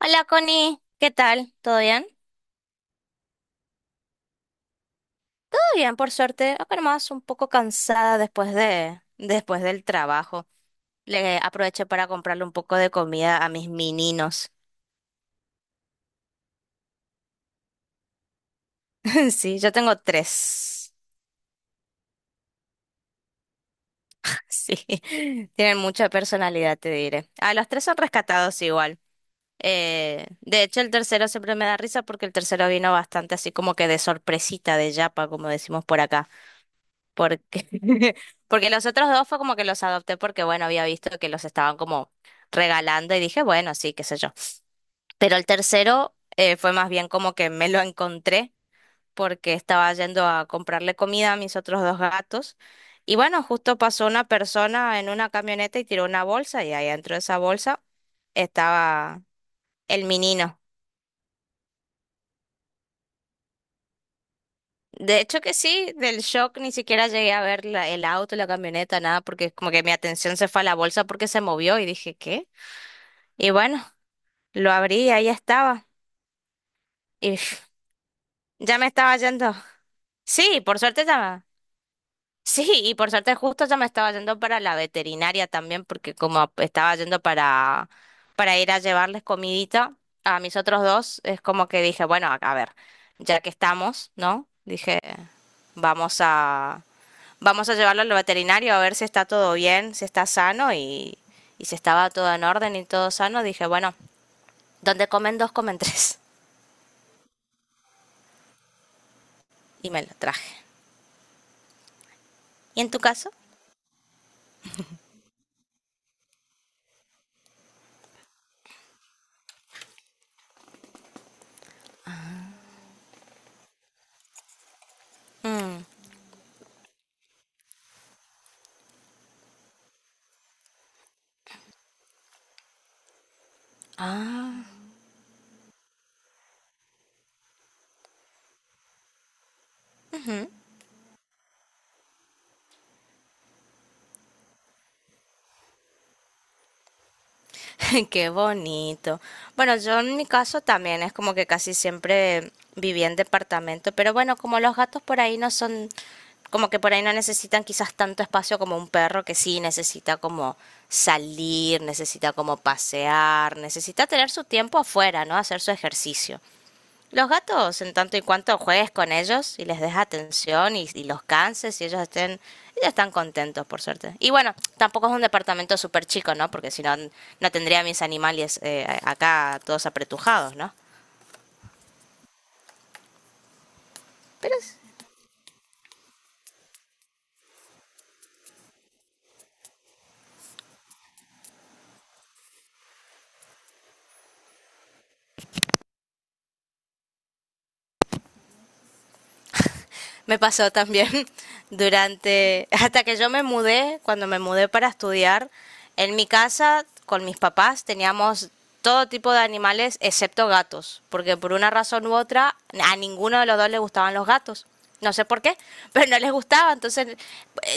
Hola Connie, ¿qué tal? ¿Todo bien? Todo bien, por suerte. Acá nomás un poco cansada después del trabajo. Le aproveché para comprarle un poco de comida a mis mininos. Sí, yo tengo tres. Sí, tienen mucha personalidad, te diré. A los tres son rescatados igual. De hecho, el tercero siempre me da risa porque el tercero vino bastante así como que de sorpresita, de yapa, como decimos por acá. porque, Porque los otros dos fue como que los adopté porque, bueno, había visto que los estaban como regalando y dije, bueno, sí, qué sé yo. Pero el tercero fue más bien como que me lo encontré porque estaba yendo a comprarle comida a mis otros dos gatos. Y bueno, justo pasó una persona en una camioneta y tiró una bolsa y ahí dentro de esa bolsa estaba el menino. De hecho que sí, del shock ni siquiera llegué a ver el auto, la camioneta, nada, porque como que mi atención se fue a la bolsa porque se movió y dije, ¿qué? Y bueno, lo abrí y ahí estaba. Y ya me estaba yendo. Sí, por suerte ya me... Sí, y por suerte justo ya me estaba yendo para la veterinaria también, porque como estaba yendo para ir a llevarles comidita a mis otros dos, es como que dije, bueno, a ver, ya que estamos, ¿no? Dije, vamos a, vamos a llevarlo al veterinario a ver si está todo bien, si está sano y si estaba todo en orden y todo sano. Dije, bueno, donde comen dos, comen tres. Y me lo traje. ¿Y en tu caso? Mm. Qué bonito. Bueno, yo en mi caso también es como que casi siempre viví en departamento, pero bueno, como los gatos por ahí no son, como que por ahí no necesitan quizás tanto espacio como un perro que sí necesita como salir, necesita como pasear, necesita tener su tiempo afuera, ¿no? Hacer su ejercicio. Los gatos, en tanto y cuanto juegues con ellos y les des atención y los canses y ellos están contentos, por suerte. Y bueno, tampoco es un departamento súper chico, ¿no? Porque si no, no tendría mis animales acá todos apretujados, ¿no? Pero es Me pasó también durante, hasta que yo me mudé, cuando me mudé para estudiar, en mi casa con mis papás teníamos todo tipo de animales excepto gatos, porque por una razón u otra a ninguno de los dos le gustaban los gatos. No sé por qué, pero no les gustaba. Entonces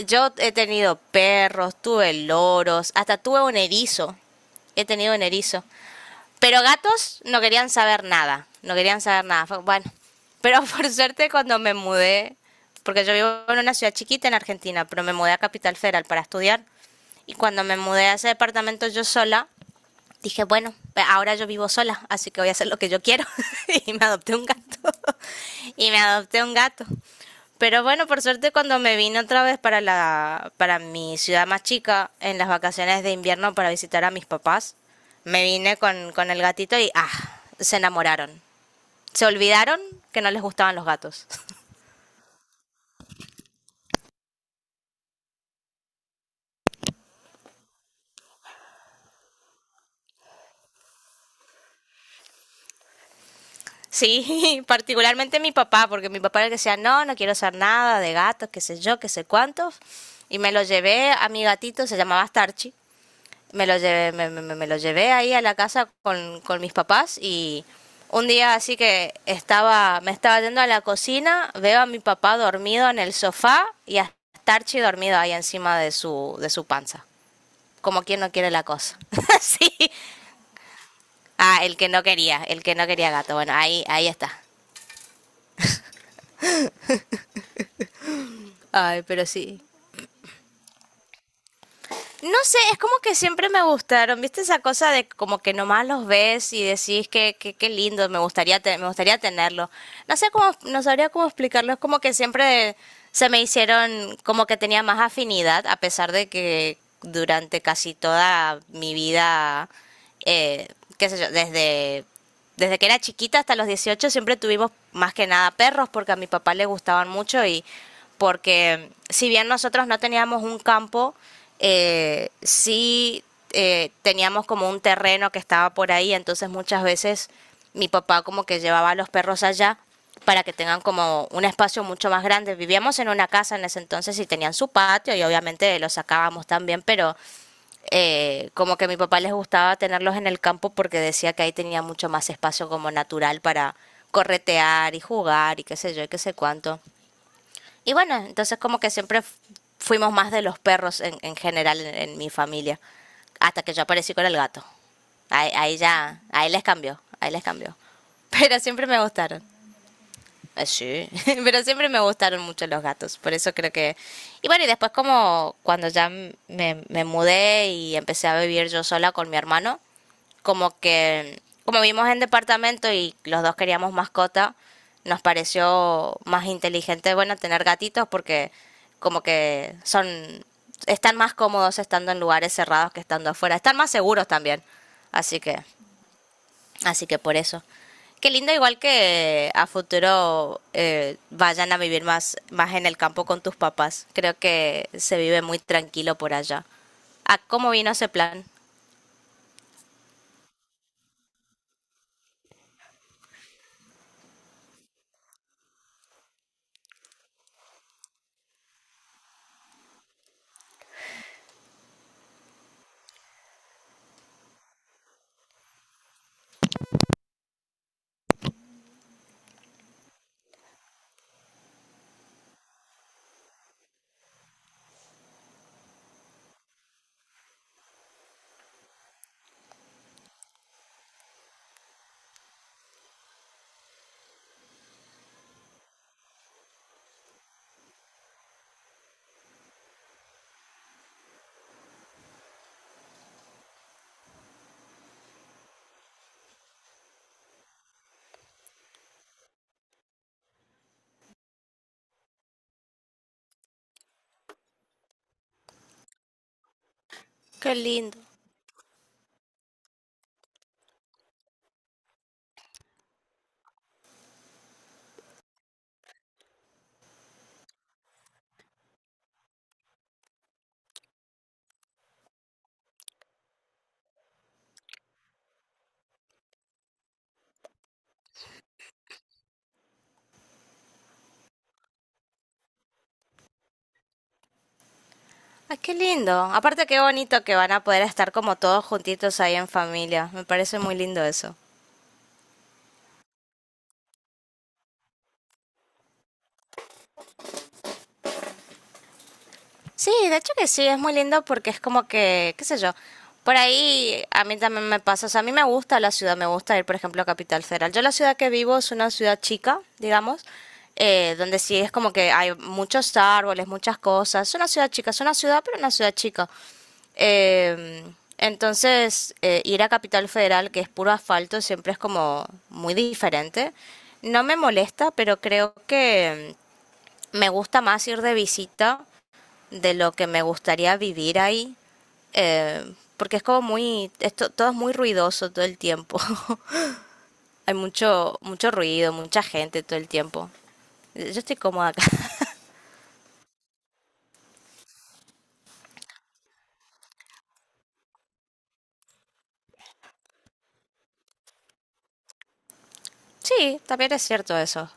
yo he tenido perros, tuve loros, hasta tuve un erizo. He tenido un erizo. Pero gatos no querían saber nada, no querían saber nada. Bueno, pero por suerte cuando me mudé, porque yo vivo en una ciudad chiquita en Argentina, pero me mudé a Capital Federal para estudiar. Y cuando me mudé a ese departamento yo sola, dije, bueno, ahora yo vivo sola, así que voy a hacer lo que yo quiero. Y me adopté un gato. Y me adopté un gato. Pero bueno, por suerte cuando me vine otra vez para mi ciudad más chica en las vacaciones de invierno para visitar a mis papás, me vine con el gatito y ah, se enamoraron. Se olvidaron que no les gustaban los gatos. Sí, particularmente mi papá, porque mi papá era el que decía, no, no quiero hacer nada de gatos, qué sé yo, qué sé cuántos. Y me lo llevé a mi gatito, se llamaba Starchi. Me lo llevé, me lo llevé ahí a la casa con mis papás y un día así que estaba, me estaba yendo a la cocina, veo a mi papá dormido en el sofá y a Starchi dormido ahí encima de su panza. Como quien no quiere la cosa. Sí. Ah, el que no quería, el que no quería gato. Bueno, ahí, ahí está. Ay, pero sí. No sé, es como que siempre me gustaron, ¿viste esa cosa de como que nomás los ves y decís que qué lindo, me gustaría me gustaría tenerlo. No sé cómo, no sabría cómo explicarlo, es como que siempre se me hicieron como que tenía más afinidad a pesar de que durante casi toda mi vida eh, qué sé yo, desde que era chiquita hasta los 18 siempre tuvimos más que nada perros porque a mi papá le gustaban mucho y porque si bien nosotros no teníamos un campo, sí teníamos como un terreno que estaba por ahí, entonces muchas veces mi papá como que llevaba a los perros allá para que tengan como un espacio mucho más grande. Vivíamos en una casa en ese entonces y tenían su patio y obviamente lo sacábamos también, pero como que a mi papá les gustaba tenerlos en el campo porque decía que ahí tenía mucho más espacio como natural para corretear y jugar y qué sé yo y qué sé cuánto. Y bueno, entonces como que siempre fuimos más de los perros en general en mi familia, hasta que yo aparecí con el gato. Ahí, ahí ya, ahí les cambió, ahí les cambió. Pero siempre me gustaron. Así. Pero siempre me gustaron mucho los gatos, por eso creo que... Y bueno, y después como cuando ya me mudé y empecé a vivir yo sola con mi hermano, como que como vivimos en departamento y los dos queríamos mascota, nos pareció más inteligente, bueno, tener gatitos porque como que son, están más cómodos estando en lugares cerrados que estando afuera, están más seguros también. Así que Así que por eso. Qué lindo, igual que a futuro vayan a vivir más, más en el campo con tus papás. Creo que se vive muy tranquilo por allá. Ah, ¿cómo vino ese plan? Qué lindo. Ay, qué lindo. Aparte, qué bonito que van a poder estar como todos juntitos ahí en familia. Me parece muy lindo eso. Sí, de hecho que sí, es muy lindo porque es como que, qué sé yo, por ahí a mí también me pasa, o sea, a mí me gusta la ciudad, me gusta ir, por ejemplo, a Capital Federal. Yo la ciudad que vivo es una ciudad chica, digamos, donde sí es como que hay muchos árboles, muchas cosas. Es una ciudad chica, es una ciudad, pero una ciudad chica. Eh, entonces, ir a Capital Federal, que es puro asfalto, siempre es como muy diferente. No me molesta, pero creo que me gusta más ir de visita de lo que me gustaría vivir ahí, porque es como muy, esto, todo es muy ruidoso todo el tiempo. Hay mucho, mucho ruido, mucha gente todo el tiempo. Yo estoy cómoda acá. Sí, también es cierto eso.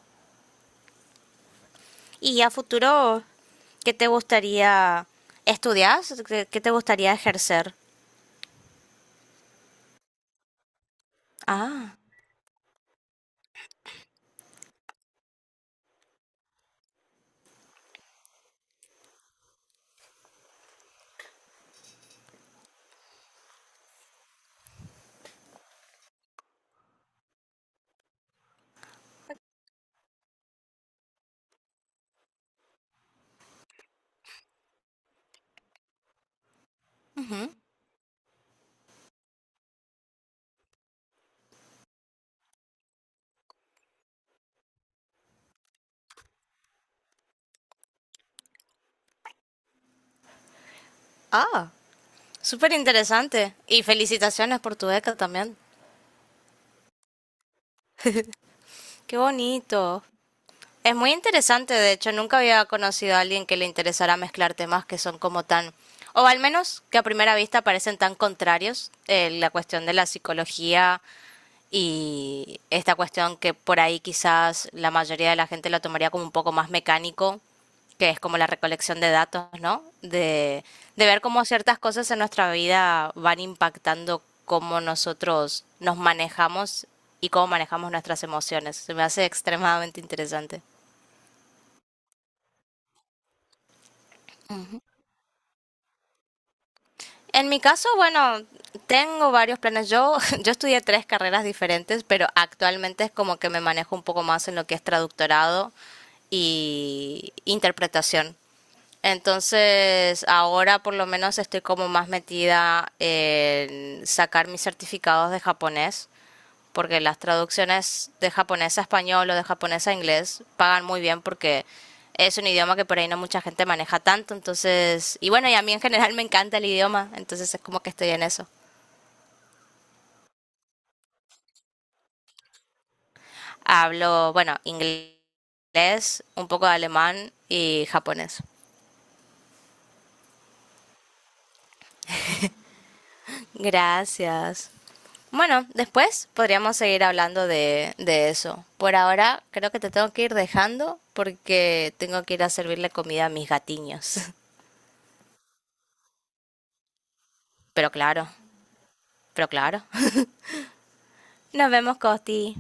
¿Y a futuro qué te gustaría estudiar? ¿Qué te gustaría ejercer? Ah, ujú. Ah, súper interesante. Y felicitaciones por tu beca también. Qué bonito. Es muy interesante, de hecho, nunca había conocido a alguien que le interesara mezclar temas que son como o al menos que a primera vista parecen tan contrarios, la cuestión de la psicología y esta cuestión que por ahí quizás la mayoría de la gente lo tomaría como un poco más mecánico, que es como la recolección de datos, ¿no? De ver cómo ciertas cosas en nuestra vida van impactando cómo nosotros nos manejamos y cómo manejamos nuestras emociones. Se me hace extremadamente interesante. En mi caso, bueno, tengo varios planes. Yo, yo estudié tres carreras diferentes, pero actualmente es como que me manejo un poco más en lo que es traductorado y interpretación. Entonces, ahora por lo menos estoy como más metida en sacar mis certificados de japonés porque las traducciones de japonés a español o de japonés a inglés pagan muy bien porque es un idioma que por ahí no mucha gente maneja tanto, entonces, y bueno, y a mí en general me encanta el idioma, entonces es como que estoy en eso. Hablo, bueno, inglés, un poco de alemán y japonés. Gracias. Bueno, después podríamos seguir hablando de eso. Por ahora creo que te tengo que ir dejando porque tengo que ir a servirle comida a mis gatiños. Pero claro, pero claro. Nos vemos, Costi.